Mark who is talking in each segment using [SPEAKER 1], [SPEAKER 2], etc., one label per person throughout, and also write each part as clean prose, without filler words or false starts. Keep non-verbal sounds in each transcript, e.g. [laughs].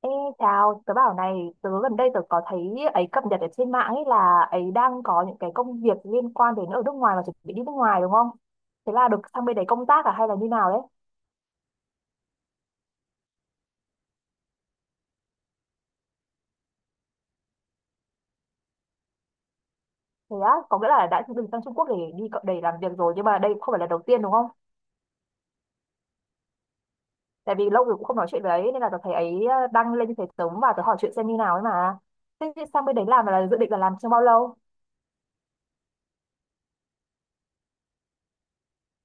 [SPEAKER 1] Ê, chào, tớ bảo này, gần đây tớ có thấy ấy cập nhật ở trên mạng ấy là ấy đang có những cái công việc liên quan đến ở nước ngoài và chuẩn bị đi nước ngoài đúng không? Thế là được sang bên đấy công tác à hay là như nào đấy? Thế á, có nghĩa là đã từng sang Trung Quốc để đi để làm việc rồi nhưng mà đây không phải là đầu tiên đúng không? Tại vì lâu rồi cũng không nói chuyện với ấy nên là tớ thấy ấy đăng lên như thế tớ và vào tớ hỏi chuyện xem như nào ấy mà. Thế thì sang bên đấy làm là dự định là làm trong bao lâu?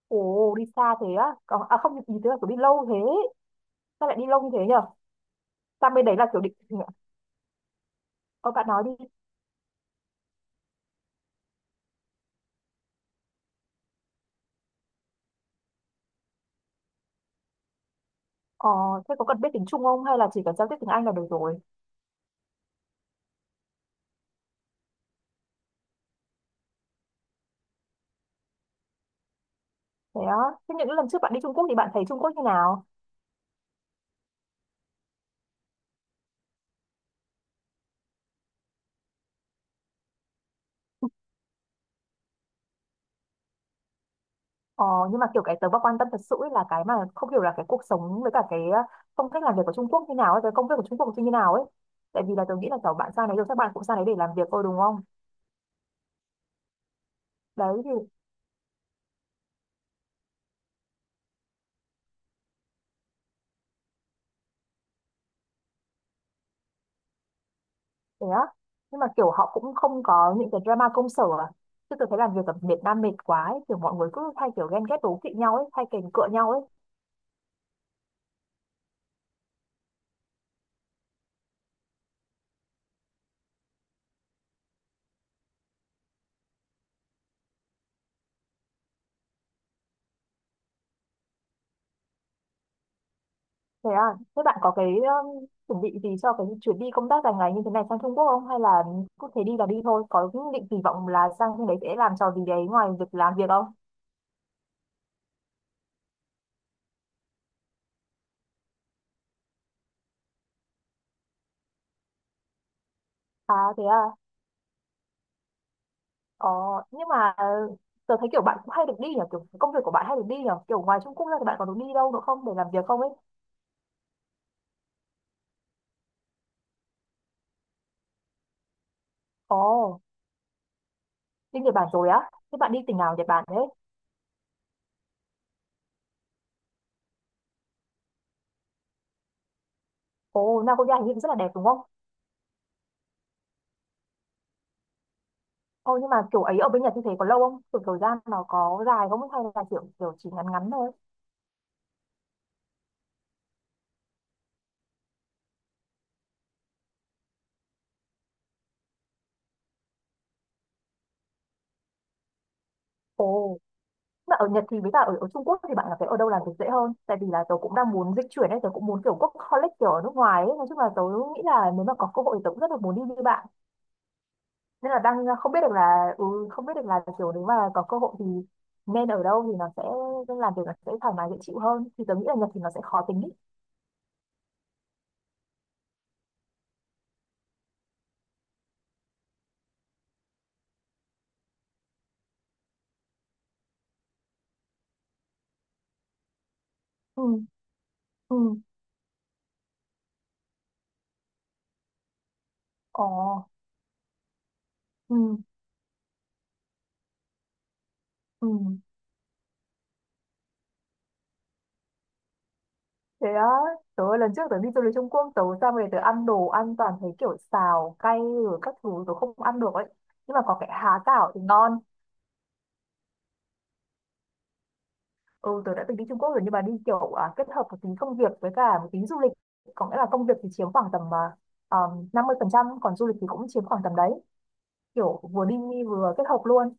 [SPEAKER 1] Ồ, đi xa thế á. Còn, à không, ý tớ là kiểu đi lâu thế. Sao lại đi lâu như thế nhở? Sang bên đấy là kiểu định... Ờ, bạn nói đi. Ờ, thế có cần biết tiếng Trung không hay là chỉ cần giao tiếp tiếng Anh là được rồi? Thế á, thế những lần trước bạn đi Trung Quốc thì bạn thấy Trung Quốc như nào? Ờ, nhưng mà kiểu cái tớ mà quan tâm thật sự ấy là cái mà không hiểu là cái cuộc sống với cả cái phong cách làm việc của Trung Quốc như nào ấy, cái công việc của Trung Quốc thì như nào ấy. Tại vì là tớ nghĩ là kiểu bạn sang đấy rồi các bạn cũng sang đấy để làm việc thôi đúng không? Đấy thì thế á. Nhưng mà kiểu họ cũng không có những cái drama công sở à. Chứ tớ thấy làm việc ở Việt Nam mệt quá ấy, kiểu mọi người cứ hay kiểu ghen ghét đố kỵ nhau ấy, hay kèn cựa nhau ấy. Thế à, thế bạn có cái chuẩn bị gì cho cái chuyến đi công tác dài ngày như thế này sang Trung Quốc không? Hay là cứ thế đi là đi thôi? Có những định kỳ vọng là sang bên đấy sẽ làm trò gì đấy ngoài việc làm việc không? À thế à, ờ, nhưng mà uh, tớ thấy kiểu bạn cũng hay được đi nhỉ, kiểu công việc của bạn hay được đi nhỉ, kiểu ngoài Trung Quốc ra thì bạn có được đi đâu nữa không để làm việc không ấy? Ồ, đi Nhật Bản rồi á, thế bạn đi tỉnh nào ở Nhật Bản thế? Ồ, Nagoya hình như cũng rất là đẹp đúng không? Ồ, nhưng mà kiểu ấy ở bên Nhật như thế có lâu không? Kiểu thời gian nó có dài không? Hay là kiểu, kiểu chỉ ngắn ngắn thôi? Ồ. Mà ở Nhật thì với cả ở Trung Quốc thì bạn cảm thấy ở đâu làm việc dễ hơn? Tại vì là tớ cũng đang muốn dịch chuyển ấy, tớ cũng muốn kiểu workaholic kiểu ở nước ngoài ấy. Nói chung là tớ nghĩ là nếu mà có cơ hội thì tớ cũng rất là muốn đi như bạn. Nên là đang không biết được là không biết được là kiểu nếu mà có cơ hội thì nên ở đâu thì nó sẽ nên làm việc nó sẽ thoải mái dễ chịu hơn. Thì tớ nghĩ là Nhật thì nó sẽ khó tính ý. Ừ, ừ, ồ, ừ, ừ. Thế á, tớ lần trước tớ đi du lịch Trung Quốc, tớ sang về tớ ăn đồ ăn toàn thấy kiểu xào, cay rồi các thứ tớ không ăn được ấy. Nhưng mà có cái há cảo thì ngon. Ừ, tớ đã từng đi Trung Quốc rồi nhưng mà đi kiểu kết hợp một tính công việc với cả một tính du lịch. Có nghĩa là công việc thì chiếm khoảng tầm 50%, còn du lịch thì cũng chiếm khoảng tầm đấy. Kiểu vừa đi vừa kết hợp luôn.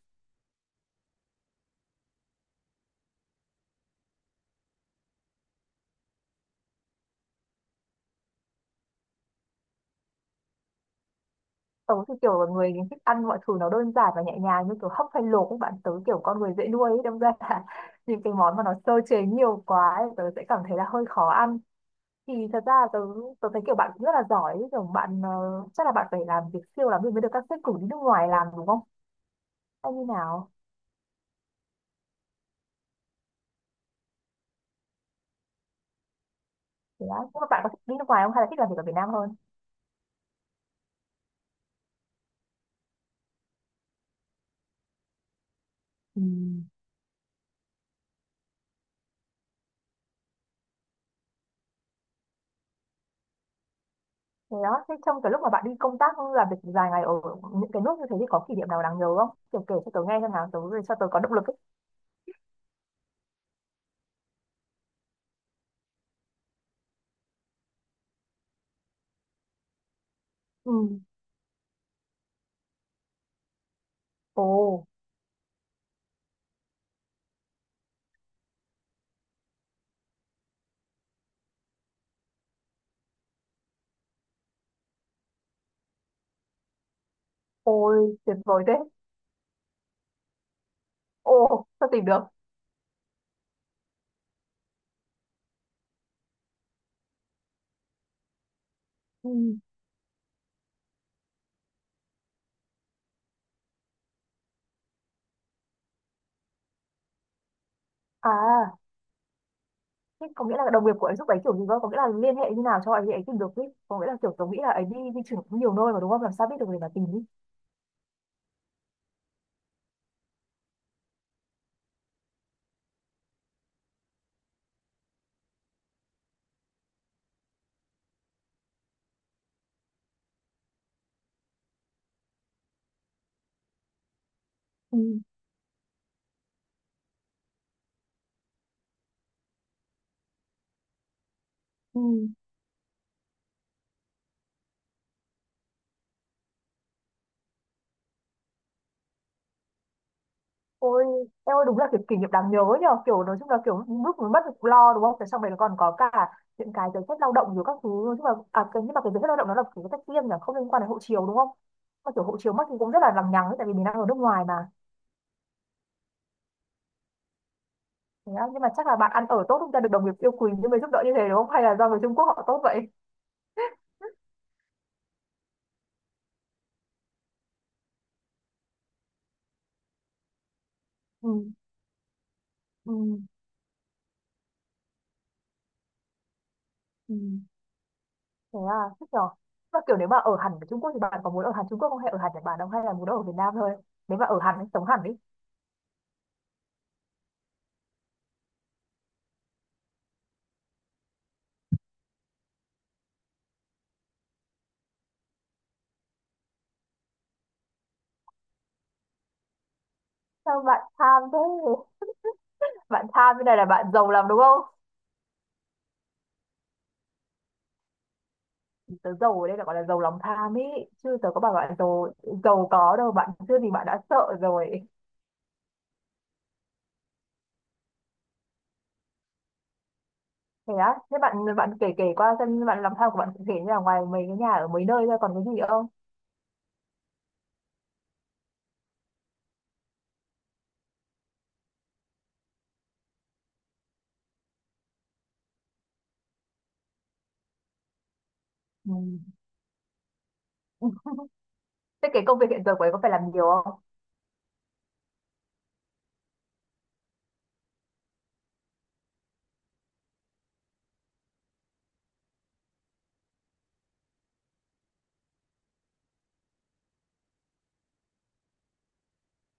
[SPEAKER 1] Tớ thì kiểu là người thích ăn mọi thứ nó đơn giản và nhẹ nhàng như kiểu hấp hay luộc các bạn. Tớ kiểu con người dễ nuôi ấy, đâm ra là [laughs] những cái món mà nó sơ chế nhiều quá ấy, tớ sẽ cảm thấy là hơi khó ăn. Thì thật ra là tớ thấy kiểu bạn cũng rất là giỏi ấy. Kiểu bạn chắc là bạn phải làm việc siêu lắm thì mới được các sếp cử đi nước ngoài làm đúng không? Hay như nào? Thì đó nhưng mà bạn có thích đi nước ngoài không hay là thích làm việc ở Việt Nam hơn. Ừ. Thì đó thế trong cái lúc mà bạn đi công tác làm việc dài ngày ở những cái nước như thế thì có kỷ niệm nào đáng nhớ không kiểu kể cho tớ nghe xem nào cho tớ có động lực ấy. Ừ. Ồ. Ôi tuyệt vời thế. Ồ sao tìm được. Ừ. À thế có nghĩa là đồng nghiệp của ấy giúp ấy kiểu gì cơ có nghĩa là liên hệ như nào cho ấy ấy tìm được ý có nghĩa là kiểu tớ nghĩ là ấy đi di chuyển cũng nhiều nơi mà đúng không làm sao biết được người mà tìm ý. Ừ. Ừ. Ôi, em ơi đúng là kiểu kỷ niệm đáng nhớ nhờ kiểu nói chung là kiểu lúc mới mất việc lo đúng không? Thế xong rồi còn có cả những cái giấy phép lao động rồi các thứ nói chung là nhưng mà cái giấy phép lao động nó là kiểu cái tách riêng nhỉ không liên quan đến hộ chiếu đúng không? Mà kiểu hộ chiếu mất thì cũng rất là lằng nhằng ấy, tại vì mình đang ở nước ngoài mà. Thế á, nhưng mà chắc là bạn ăn ở tốt chúng ta được đồng nghiệp yêu quý nhưng mới giúp đỡ như thế đúng không? Hay là do người Trung Quốc họ tốt vậy? Ừ, ừ, ừ. Thế à, thích nhờ. Mà kiểu nếu mà ở hẳn ở Trung Quốc thì bạn có muốn ở hẳn Trung Quốc không hay ở hẳn Nhật Bản không hay là muốn ở Việt Nam thôi? Nếu mà ở hẳn ấy, sống hẳn đi. Sao bạn tham thế? Bạn tham như này là bạn giàu lắm đúng không? Tớ giàu ở đây là gọi là giàu lòng tham ý chứ tớ có bảo bạn giàu giàu có đâu bạn chưa thì bạn đã sợ rồi. Thế á thế bạn bạn kể kể qua xem bạn lòng tham của bạn cụ thể như là ngoài mấy cái nhà ở mấy nơi ra còn cái gì không. Ừ. Thế cái công việc hiện giờ của ấy có phải làm nhiều không?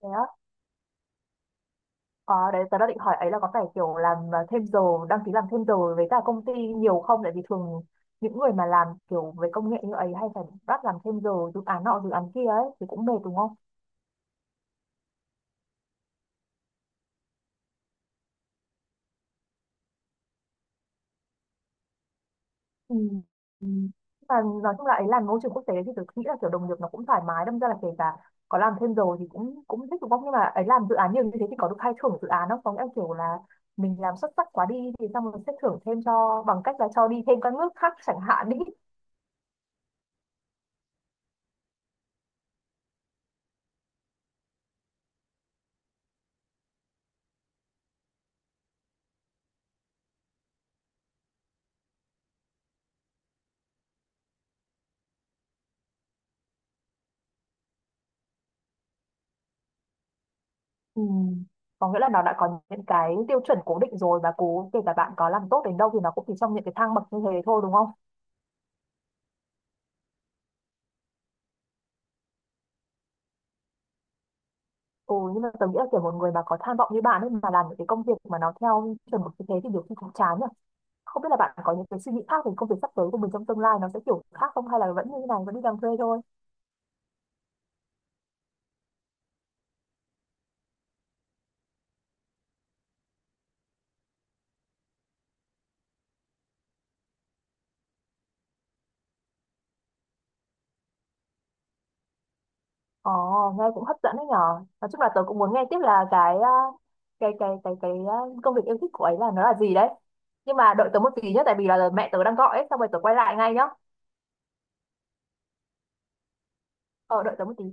[SPEAKER 1] Thế á. Ờ đấy tớ đang định hỏi ấy là có phải kiểu làm thêm giờ đăng ký làm thêm giờ với cả công ty nhiều không tại vì thường những người mà làm kiểu về công nghệ như ấy hay phải bắt làm thêm giờ dự án nọ dự án kia ấy thì cũng mệt đúng không? Ừ. Ừ. Và nói chung là ấy làm môi trường quốc tế thì tôi nghĩ là kiểu đồng nghiệp nó cũng thoải mái đâm ra là kể cả có làm thêm giờ thì cũng cũng thích đúng không nhưng mà ấy làm dự án nhiều như thế thì có được khai thưởng dự án không có nghĩa là kiểu là mình làm xuất sắc quá đi thì xong rồi sẽ thưởng thêm cho bằng cách là cho đi thêm các nước khác chẳng hạn đi. Ừ. Có nghĩa là nó đã có những cái tiêu chuẩn cố định rồi và cố kể cả bạn có làm tốt đến đâu thì nó cũng chỉ trong những cái thang bậc như thế thôi đúng không? Ừ nhưng mà tôi nghĩ là kiểu một người mà có tham vọng như bạn ấy mà làm những cái công việc mà nó theo chuẩn mực như thế thì nhiều khi cũng chán nhỉ. Không biết là bạn có những cái suy nghĩ khác về công việc sắp tới của mình trong tương lai nó sẽ kiểu khác không hay là vẫn như thế này vẫn đi làm thuê thôi? Ồ, nghe cũng hấp dẫn đấy nhở. Nói chung là tớ cũng muốn nghe tiếp là cái cái công việc yêu thích của ấy là nó là gì đấy. Nhưng mà đợi tớ một tí nhé, tại vì là mẹ tớ đang gọi ấy, xong rồi tớ quay lại ngay nhá. Ờ, đợi tớ một tí.